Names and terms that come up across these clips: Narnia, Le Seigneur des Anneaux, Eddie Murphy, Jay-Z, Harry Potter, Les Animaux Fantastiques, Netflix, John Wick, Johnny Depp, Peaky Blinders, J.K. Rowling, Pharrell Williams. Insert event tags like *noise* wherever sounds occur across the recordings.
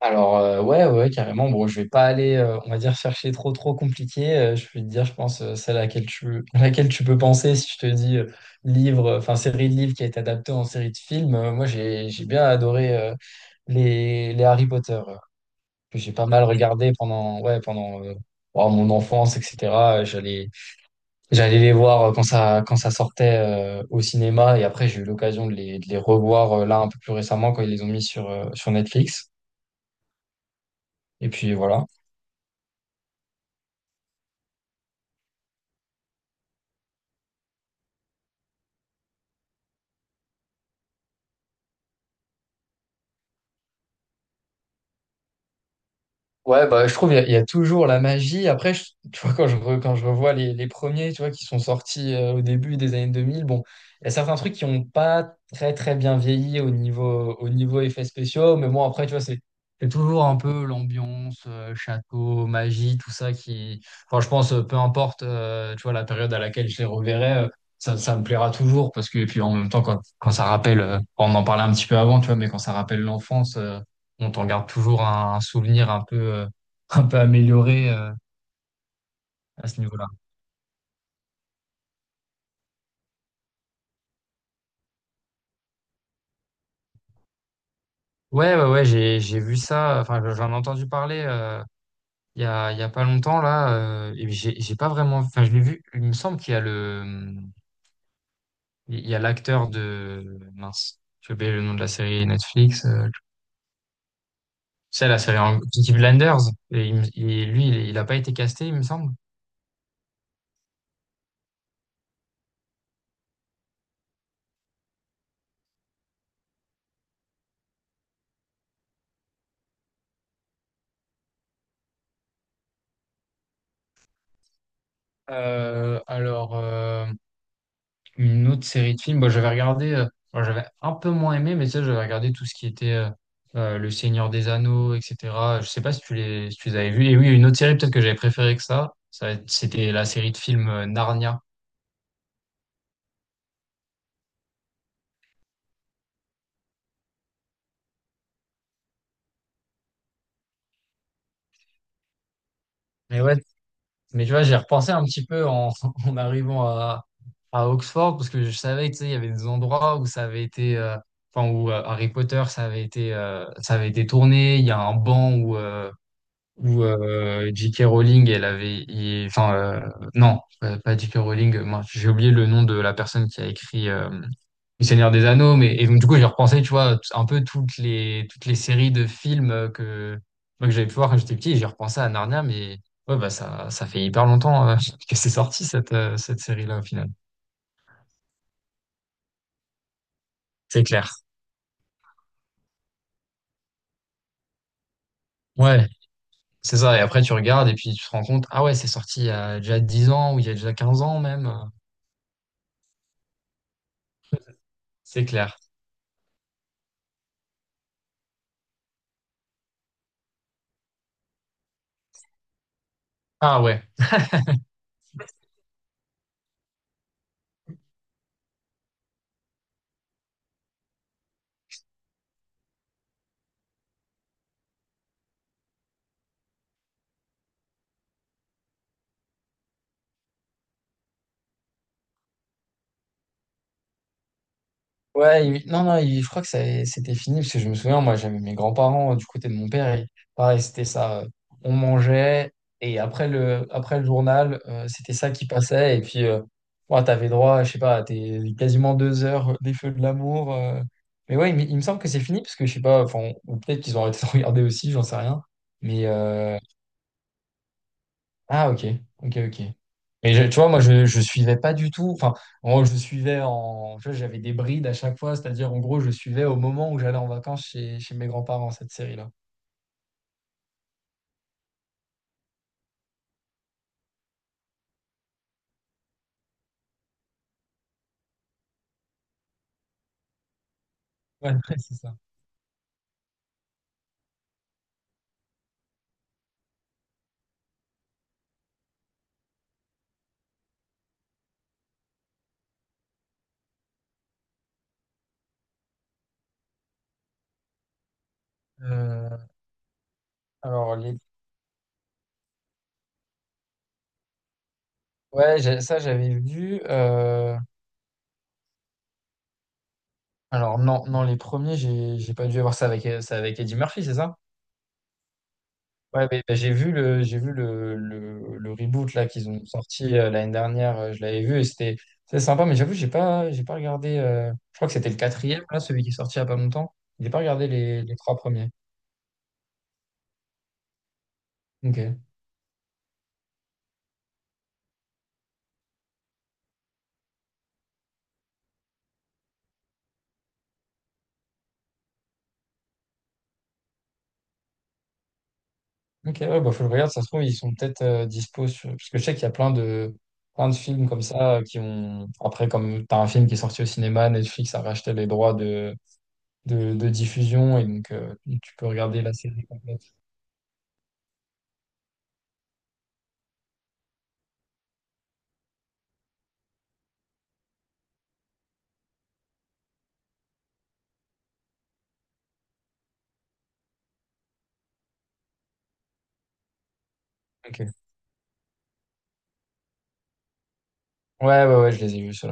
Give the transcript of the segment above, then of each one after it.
Alors ouais, ouais, carrément, bon, je vais pas aller on va dire chercher trop trop compliqué. Je vais te dire, je pense celle à laquelle tu *laughs* à laquelle tu peux penser si je te dis livre, enfin, série de livres qui a été adaptée en série de films. Moi j'ai bien adoré les Harry Potter que j'ai pas mal regardé pendant ouais pendant oh, mon enfance, etc. Euh, j'allais j'allais les voir quand ça sortait au cinéma, et après j'ai eu l'occasion de les revoir là un peu plus récemment quand ils les ont mis sur sur Netflix, et puis voilà. Ouais, bah, je trouve, il y a toujours la magie. Après, tu vois, quand je revois les premiers, tu vois, qui sont sortis au début des années 2000. Bon, il y a certains trucs qui n'ont pas très, très bien vieilli au niveau, effets spéciaux. Mais bon, après, tu vois, c'est toujours un peu l'ambiance, château, magie, tout ça qui. Enfin, je pense, peu importe, tu vois, la période à laquelle je les reverrai, ça, ça me plaira toujours, parce que, et puis en même temps, quand ça rappelle, on en parlait un petit peu avant, tu vois, mais quand ça rappelle l'enfance, on t'en garde toujours un souvenir un peu, *laughs* un peu amélioré à ce niveau-là. Ouais, ouais, ouais, j'ai, vu ça. Enfin, j'en ai entendu parler il y a pas longtemps, là, et j'ai pas vraiment, enfin, je l'ai vu, il me semble qu'il y a le, il y a l'acteur mince, j'ai oublié le nom de la série Netflix, c'est la série Peaky Blinders, et lui, il a pas été casté, il me semble. Alors, une autre série de films, bah, j'avais regardé, bah, j'avais un peu moins aimé, mais tu sais, j'avais regardé tout ce qui était Le Seigneur des Anneaux, etc. Je sais pas si si tu les avais vus. Et oui, une autre série peut-être que j'avais préférée que ça, c'était la série de films Narnia. Mais ouais, tu vois, j'ai repensé un petit peu *laughs* en arrivant à Oxford, parce que je savais, tu sais, il y avait des endroits où ça avait été, enfin, où Harry Potter, ça avait été tourné. Il y a un banc où J.K. Rowling, elle avait, enfin non, pas J.K. Rowling, moi j'ai oublié le nom de la personne qui a écrit Le Seigneur des Anneaux. Mais et donc, du coup j'ai repensé, tu vois, un peu toutes les séries de films que moi, que j'avais pu voir quand j'étais petit, et j'ai repensé à Narnia. Mais ouais, bah, ça fait hyper longtemps *laughs* que c'est sorti cette cette série-là au final. C'est clair. Ouais. C'est ça, et après tu regardes et puis tu te rends compte, ah ouais, c'est sorti il y a déjà 10 ans, ou il y a déjà 15 ans même, c'est clair. Ah ouais. Ouais, non, non, je crois que c'était fini, parce que je me souviens, moi, j'avais mes grands-parents du côté de mon père, et pareil, c'était ça. On mangeait, et après le, journal, c'était ça qui passait, et puis, ouais, t'avais droit, je sais pas, t'es quasiment 2 heures des feux de l'amour. Mais ouais, il me semble que c'est fini, parce que je sais pas, enfin, ou peut-être qu'ils ont arrêté de *laughs* regarder aussi, j'en sais rien. Mais, ah, ok, ok, ok. Mais tu vois, moi, je suivais pas du tout. Enfin, moi, je suivais en. Tu vois, j'avais des brides à chaque fois, c'est-à-dire, en gros, je suivais au moment où j'allais en vacances chez mes grands-parents, cette série-là. Ouais, *laughs* c'est ça. Euh, alors, ouais, ça, j'avais vu. Alors, non, non, les premiers, j'ai pas dû avoir ça ça avec Eddie Murphy, c'est ça? Ouais, mais bah, j'ai vu le reboot là qu'ils ont sorti l'année dernière. Je l'avais vu, et c'était sympa. Mais j'avoue, j'ai pas regardé. Je crois que c'était le quatrième là, celui qui est sorti il y a pas longtemps. J'ai pas regardé les trois premiers. Ok, ok, ouais, bah, faut le regarder. Ça se trouve, ils sont peut-être dispo sur. Parce que je sais qu'il y a plein de films comme ça qui ont. Après, comme t'as un film qui est sorti au cinéma, Netflix a racheté les droits de diffusion, et donc tu peux regarder la série complète. Ok. Ouais, ouais, ouais, je les ai vus, ceux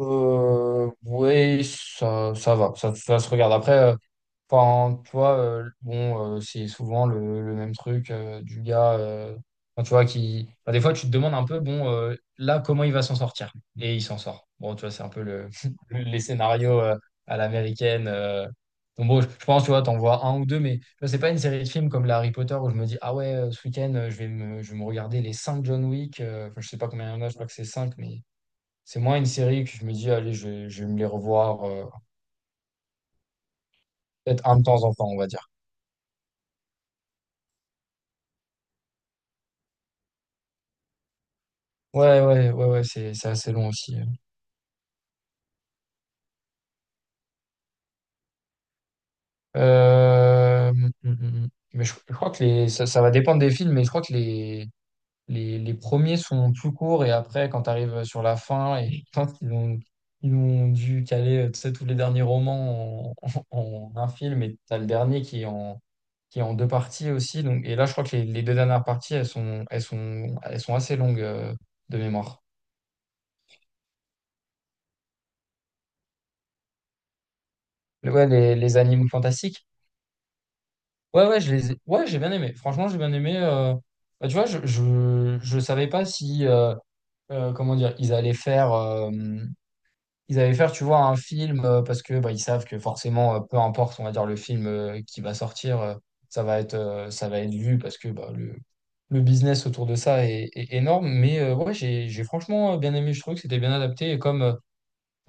Euh, Oui, ça, ça va, ça se regarde. Après, enfin, tu vois, bon, c'est souvent le même truc du gars, enfin, tu vois, qui. Enfin, des fois, tu te demandes un peu, bon, là, comment il va s'en sortir? Et il s'en sort. Bon, tu vois, c'est un peu *laughs* les scénarios à l'américaine. Donc, bon, je pense, tu vois, t'en vois un ou deux, mais tu vois, c'est pas une série de films comme les Harry Potter où je me dis, ah ouais, ce week-end, je vais me regarder les cinq John Wick. Enfin, je sais pas combien il y en a, je crois que c'est cinq, mais. C'est moins une série que je me dis, allez, je vais me les revoir, peut-être un de temps en temps, on va dire. Ouais, ouais, ouais, ouais, c'est assez long aussi, hein. Euh, hum, hum, hum. hum. Mais je crois que ça, ça va dépendre des films. Mais je crois que les premiers sont plus courts, et après, quand tu arrives sur la fin, et *laughs* quand ils ont dû caler, tu sais, tous les derniers romans *laughs* en un film, et t'as le dernier qui est en deux parties aussi. Donc, et là, je crois que les deux dernières parties, elles sont assez longues, de mémoire. Ouais, les Animaux Fantastiques. Ouais, ouais, ouais, j'ai bien aimé. Franchement, j'ai bien aimé. Bah, tu vois, je savais pas si, comment dire, ils allaient faire, tu vois, un film parce que bah, ils savent que forcément, peu importe, on va dire, le film qui va sortir, ça va être vu, parce que bah, le business autour de ça est énorme. Mais ouais, j'ai franchement bien aimé. Je trouvais que c'était bien adapté. Et comme,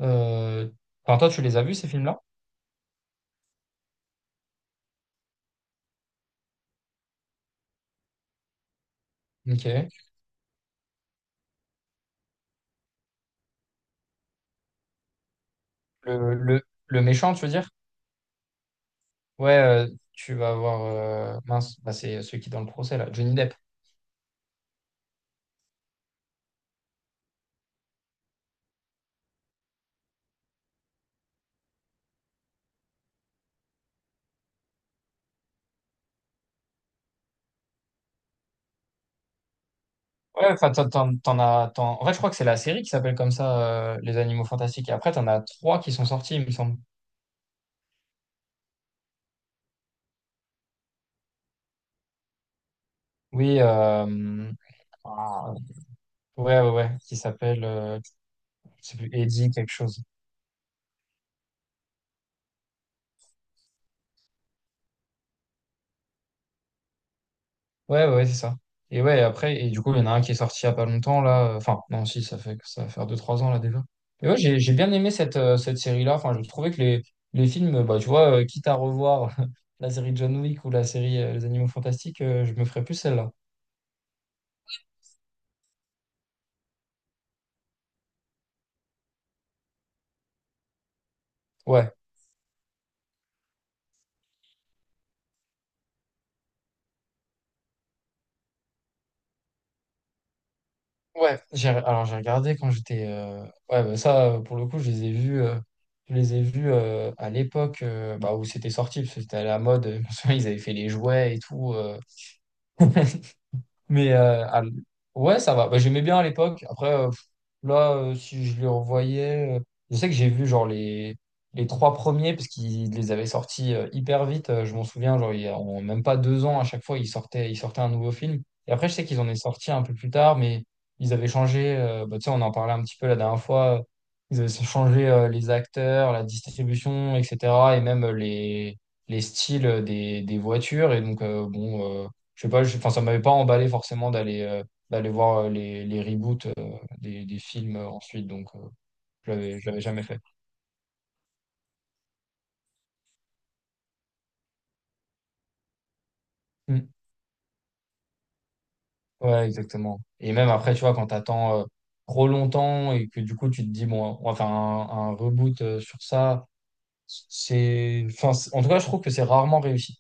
euh, enfin, toi, tu les as vus, ces films-là? Ok. Le méchant, tu veux dire? Ouais, tu vas avoir. Mince, bah, c'est celui qui est dans le procès, là, Johnny Depp. Ouais, enfin, t'en as. En fait, je crois que c'est la série qui s'appelle comme ça, Les Animaux Fantastiques. Et après, t'en as trois qui sont sortis, il me semble. Oui, ah, ouais, ouais, ouais, qui s'appelle. Je sais plus, Eddie, quelque chose. Ouais, ouais, c'est ça. Et ouais, après, et du coup, il y en a un qui est sorti il y a pas longtemps, là. Enfin, non, si, ça va faire deux trois ans, là, déjà. Mais ouais, j'ai bien aimé cette, cette série-là. Enfin, je trouvais que les films, bah, tu vois, quitte à revoir *laughs* la série John Wick ou la série Les Animaux Fantastiques, je me ferais plus celle-là. Ouais, ouais. Alors, j'ai regardé quand j'étais. Ouais, bah, ça, pour le coup, je les ai vus. Je les ai vus à l'époque bah, où c'était sorti, parce que c'était à la mode. *laughs* Ils avaient fait les jouets et tout. *laughs* Mais ouais, ça va. Bah, j'aimais bien à l'époque. Après, là, si je les revoyais, je sais que j'ai vu genre les, trois premiers, parce qu'ils les avaient sortis hyper vite. Je m'en souviens, genre, en même pas 2 ans, à chaque fois, ils sortaient un nouveau film. Et après, je sais qu'ils en ont sorti un peu plus tard, mais ils avaient changé. Bah, tu sais, on en parlait un petit peu la dernière fois. Ils avaient changé les acteurs, la distribution, etc. Et même les styles des voitures. Et donc, bon. Je sais pas, enfin, ça m'avait pas emballé forcément d'aller d'aller voir les reboots des films ensuite, donc je l'avais jamais fait. Mm. Ouais, exactement. Et même après, tu vois, quand t'attends trop longtemps et que du coup, tu te dis, bon, on va faire un reboot sur ça, enfin, en tout cas, je trouve que c'est rarement réussi.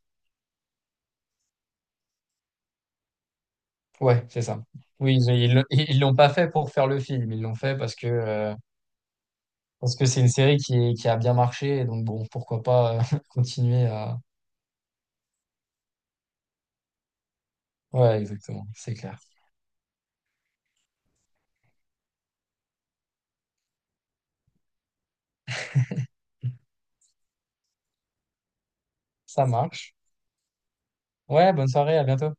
Ouais, c'est ça. Oui, ils l'ont pas fait pour faire le film, ils l'ont fait parce que c'est une série qui a bien marché, et donc bon, pourquoi pas *laughs* continuer à. Ouais, exactement, c'est clair. Ça marche. Ouais, bonne soirée, à bientôt.